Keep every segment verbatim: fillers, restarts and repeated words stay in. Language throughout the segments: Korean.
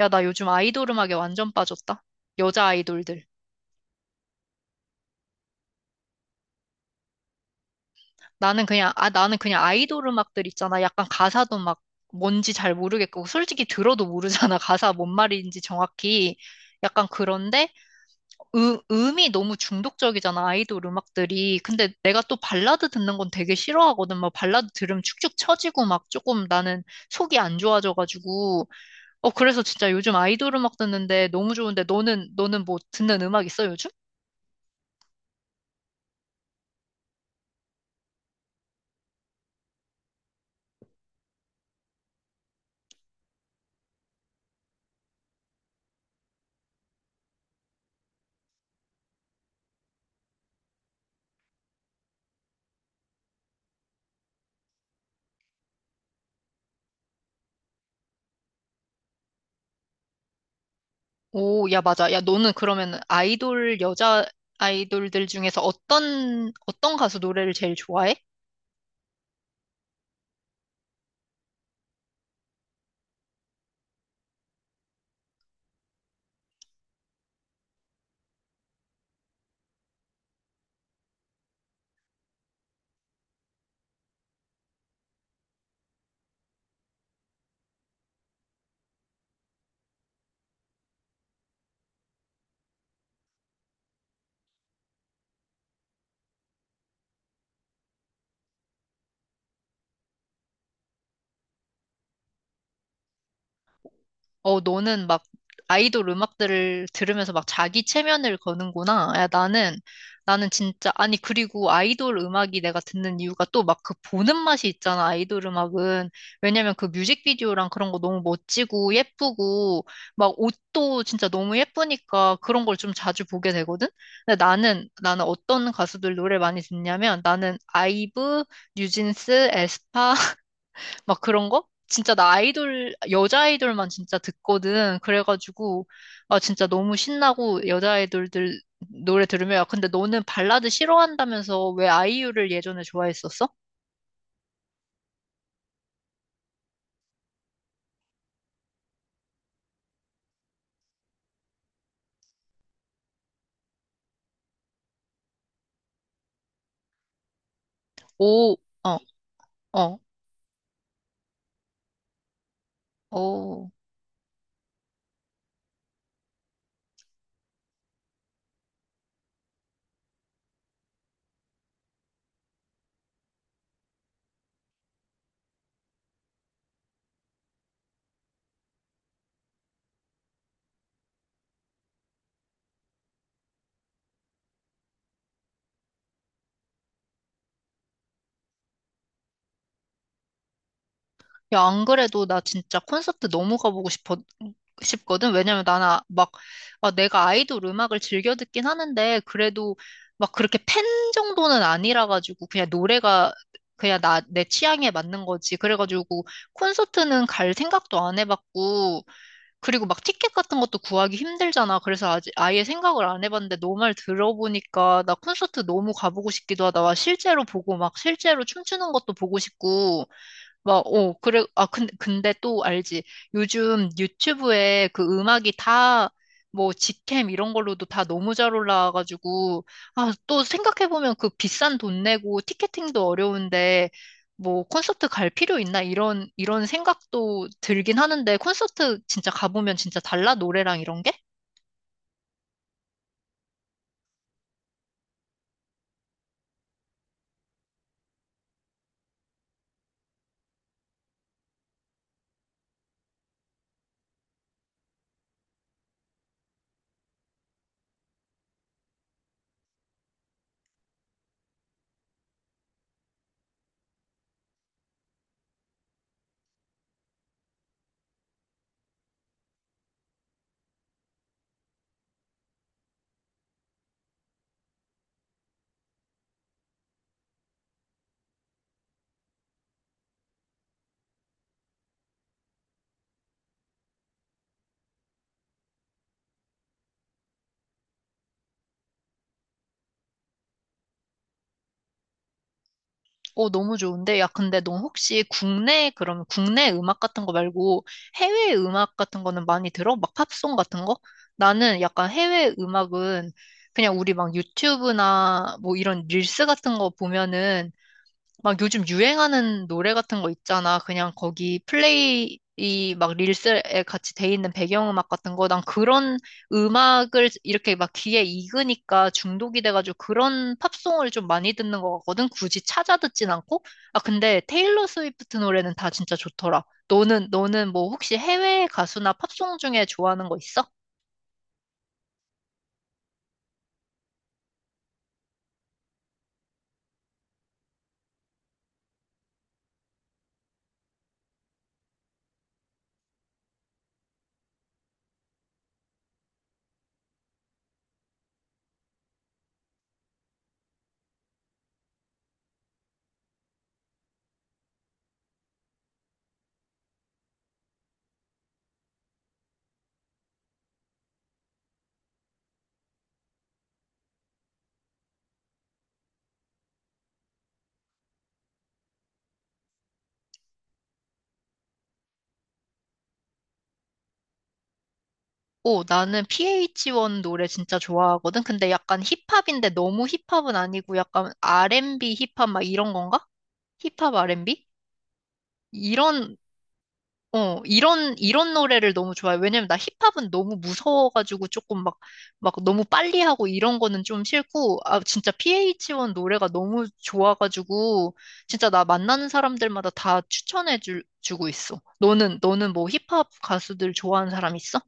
야, 나 요즘 아이돌 음악에 완전 빠졌다. 여자 아이돌들. 나는 그냥, 아, 나는 그냥 아이돌 음악들 있잖아. 약간 가사도 막 뭔지 잘 모르겠고, 솔직히 들어도 모르잖아. 가사 뭔 말인지 정확히. 약간 그런데, 음, 음이 너무 중독적이잖아. 아이돌 음악들이. 근데 내가 또 발라드 듣는 건 되게 싫어하거든. 막 발라드 들으면 축축 처지고 막 조금 나는 속이 안 좋아져가지고. 어, 그래서 진짜 요즘 아이돌 음악 듣는데 너무 좋은데 너는, 너는 뭐 듣는 음악 있어, 요즘? 오, 야, 맞아. 야, 너는 그러면 아이돌, 여자 아이돌들 중에서 어떤, 어떤 가수 노래를 제일 좋아해? 어, 너는 막 아이돌 음악들을 들으면서 막 자기 체면을 거는구나. 야, 나는, 나는 진짜, 아니, 그리고 아이돌 음악이 내가 듣는 이유가 또 막 그 보는 맛이 있잖아, 아이돌 음악은. 왜냐면 그 뮤직비디오랑 그런 거 너무 멋지고 예쁘고, 막 옷도 진짜 너무 예쁘니까 그런 걸 좀 자주 보게 되거든? 근데 나는, 나는 어떤 가수들 노래 많이 듣냐면 나는 아이브, 뉴진스, 에스파, 막 그런 거? 진짜 나 아이돌, 여자 아이돌만 진짜 듣거든. 그래가지고, 아, 진짜 너무 신나고, 여자 아이돌들 노래 들으면, 야, 근데 너는 발라드 싫어한다면서 왜 아이유를 예전에 좋아했었어? 오, 어, 어, 오. 야, 안 그래도 나 진짜 콘서트 너무 가보고 싶어, 싶거든. 왜냐면 나는 아- 막, 아, 내가 아이돌 음악을 즐겨 듣긴 하는데, 그래도 막 그렇게 팬 정도는 아니라가지고, 그냥 노래가 그냥 나, 내 취향에 맞는 거지. 그래가지고, 콘서트는 갈 생각도 안 해봤고, 그리고 막 티켓 같은 것도 구하기 힘들잖아. 그래서 아직 아예 생각을 안 해봤는데, 너 말 들어보니까 나 콘서트 너무 가보고 싶기도 하다. 와, 실제로 보고 막 실제로 춤추는 것도 보고 싶고, 막, 어, 그래, 아, 근데, 근데 또 알지. 요즘 유튜브에 그 음악이 다, 뭐, 직캠 이런 걸로도 다 너무 잘 올라와가지고, 아, 또 생각해보면 그 비싼 돈 내고 티켓팅도 어려운데, 뭐, 콘서트 갈 필요 있나? 이런, 이런 생각도 들긴 하는데, 콘서트 진짜 가보면 진짜 달라? 노래랑 이런 게? 어, 너무 좋은데? 야, 근데 너 혹시 국내, 그럼 국내 음악 같은 거 말고 해외 음악 같은 거는 많이 들어? 막 팝송 같은 거? 나는 약간 해외 음악은 그냥 우리 막 유튜브나 뭐 이런 릴스 같은 거 보면은 막 요즘 유행하는 노래 같은 거 있잖아. 그냥 거기 플레이 막 릴스에 같이 돼 있는 배경음악 같은 거. 난 그런 음악을 이렇게 막 귀에 익으니까 중독이 돼가지고 그런 팝송을 좀 많이 듣는 것 같거든. 굳이 찾아 듣진 않고. 아, 근데 테일러 스위프트 노래는 다 진짜 좋더라. 너는, 너는 뭐 혹시 해외 가수나 팝송 중에 좋아하는 거 있어? 오, 나는 피에이치 원 노래 진짜 좋아하거든. 근데 약간 힙합인데 너무 힙합은 아니고 약간 알앤비 힙합 막 이런 건가? 힙합 알앤비? 이런, 어, 이런, 이런 노래를 너무 좋아해. 왜냐면 나 힙합은 너무 무서워가지고 조금 막, 막 너무 빨리 하고 이런 거는 좀 싫고, 아, 진짜 피에이치 원 노래가 너무 좋아가지고, 진짜 나 만나는 사람들마다 다 추천해 주, 주고 있어. 너는, 너는 뭐 힙합 가수들 좋아하는 사람 있어?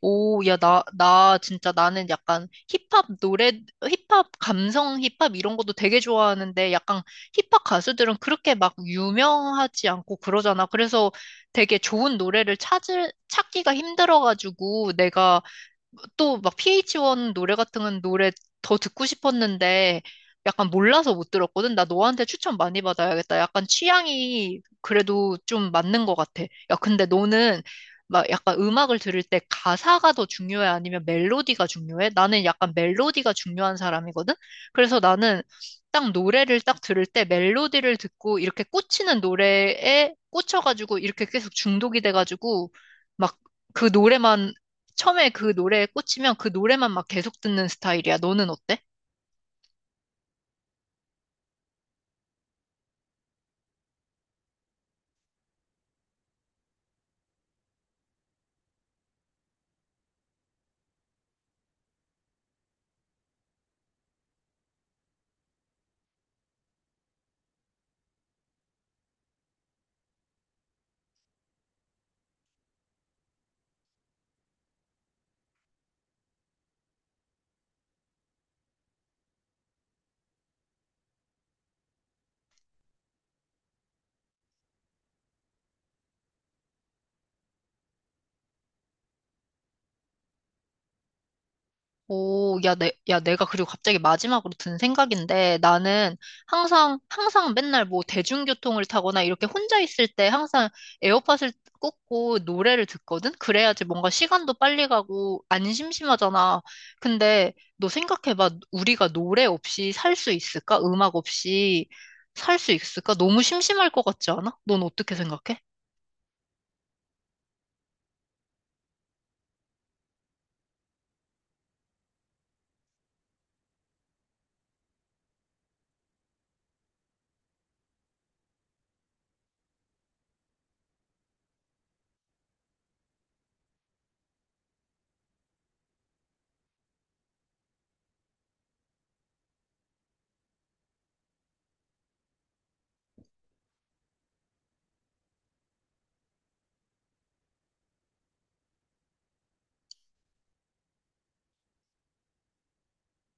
오, 야, 나, 나 진짜 나는 약간 힙합 노래, 힙합 감성 힙합 이런 것도 되게 좋아하는데 약간 힙합 가수들은 그렇게 막 유명하지 않고 그러잖아. 그래서 되게 좋은 노래를 찾을, 찾기가 힘들어가지고 내가 또 막 피에이치 원 노래 같은 건 노래 더 듣고 싶었는데 약간 몰라서 못 들었거든. 나 너한테 추천 많이 받아야겠다. 약간 취향이 그래도 좀 맞는 것 같아. 야, 근데 너는 막 약간 음악을 들을 때 가사가 더 중요해? 아니면 멜로디가 중요해? 나는 약간 멜로디가 중요한 사람이거든? 그래서 나는 딱 노래를 딱 들을 때 멜로디를 듣고 이렇게 꽂히는 노래에 꽂혀가지고 이렇게 계속 중독이 돼가지고 막 그 노래만 처음에 그 노래에 꽂히면 그 노래만 막 계속 듣는 스타일이야. 너는 어때? 오, 야, 내, 야, 내가 그리고 갑자기 마지막으로 든 생각인데 나는 항상, 항상 맨날 뭐 대중교통을 타거나 이렇게 혼자 있을 때 항상 에어팟을 꽂고 노래를 듣거든? 그래야지 뭔가 시간도 빨리 가고 안 심심하잖아. 근데 너 생각해봐. 우리가 노래 없이 살 수 있을까? 음악 없이 살 수 있을까? 너무 심심할 것 같지 않아? 넌 어떻게 생각해?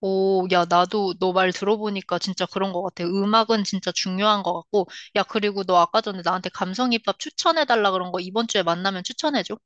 오, 야, 나도 너 말 들어보니까 진짜 그런 것 같아. 음악은 진짜 중요한 것 같고. 야, 그리고 너 아까 전에 나한테 감성힙합 추천해달라 그런 거 이번 주에 만나면 추천해줘.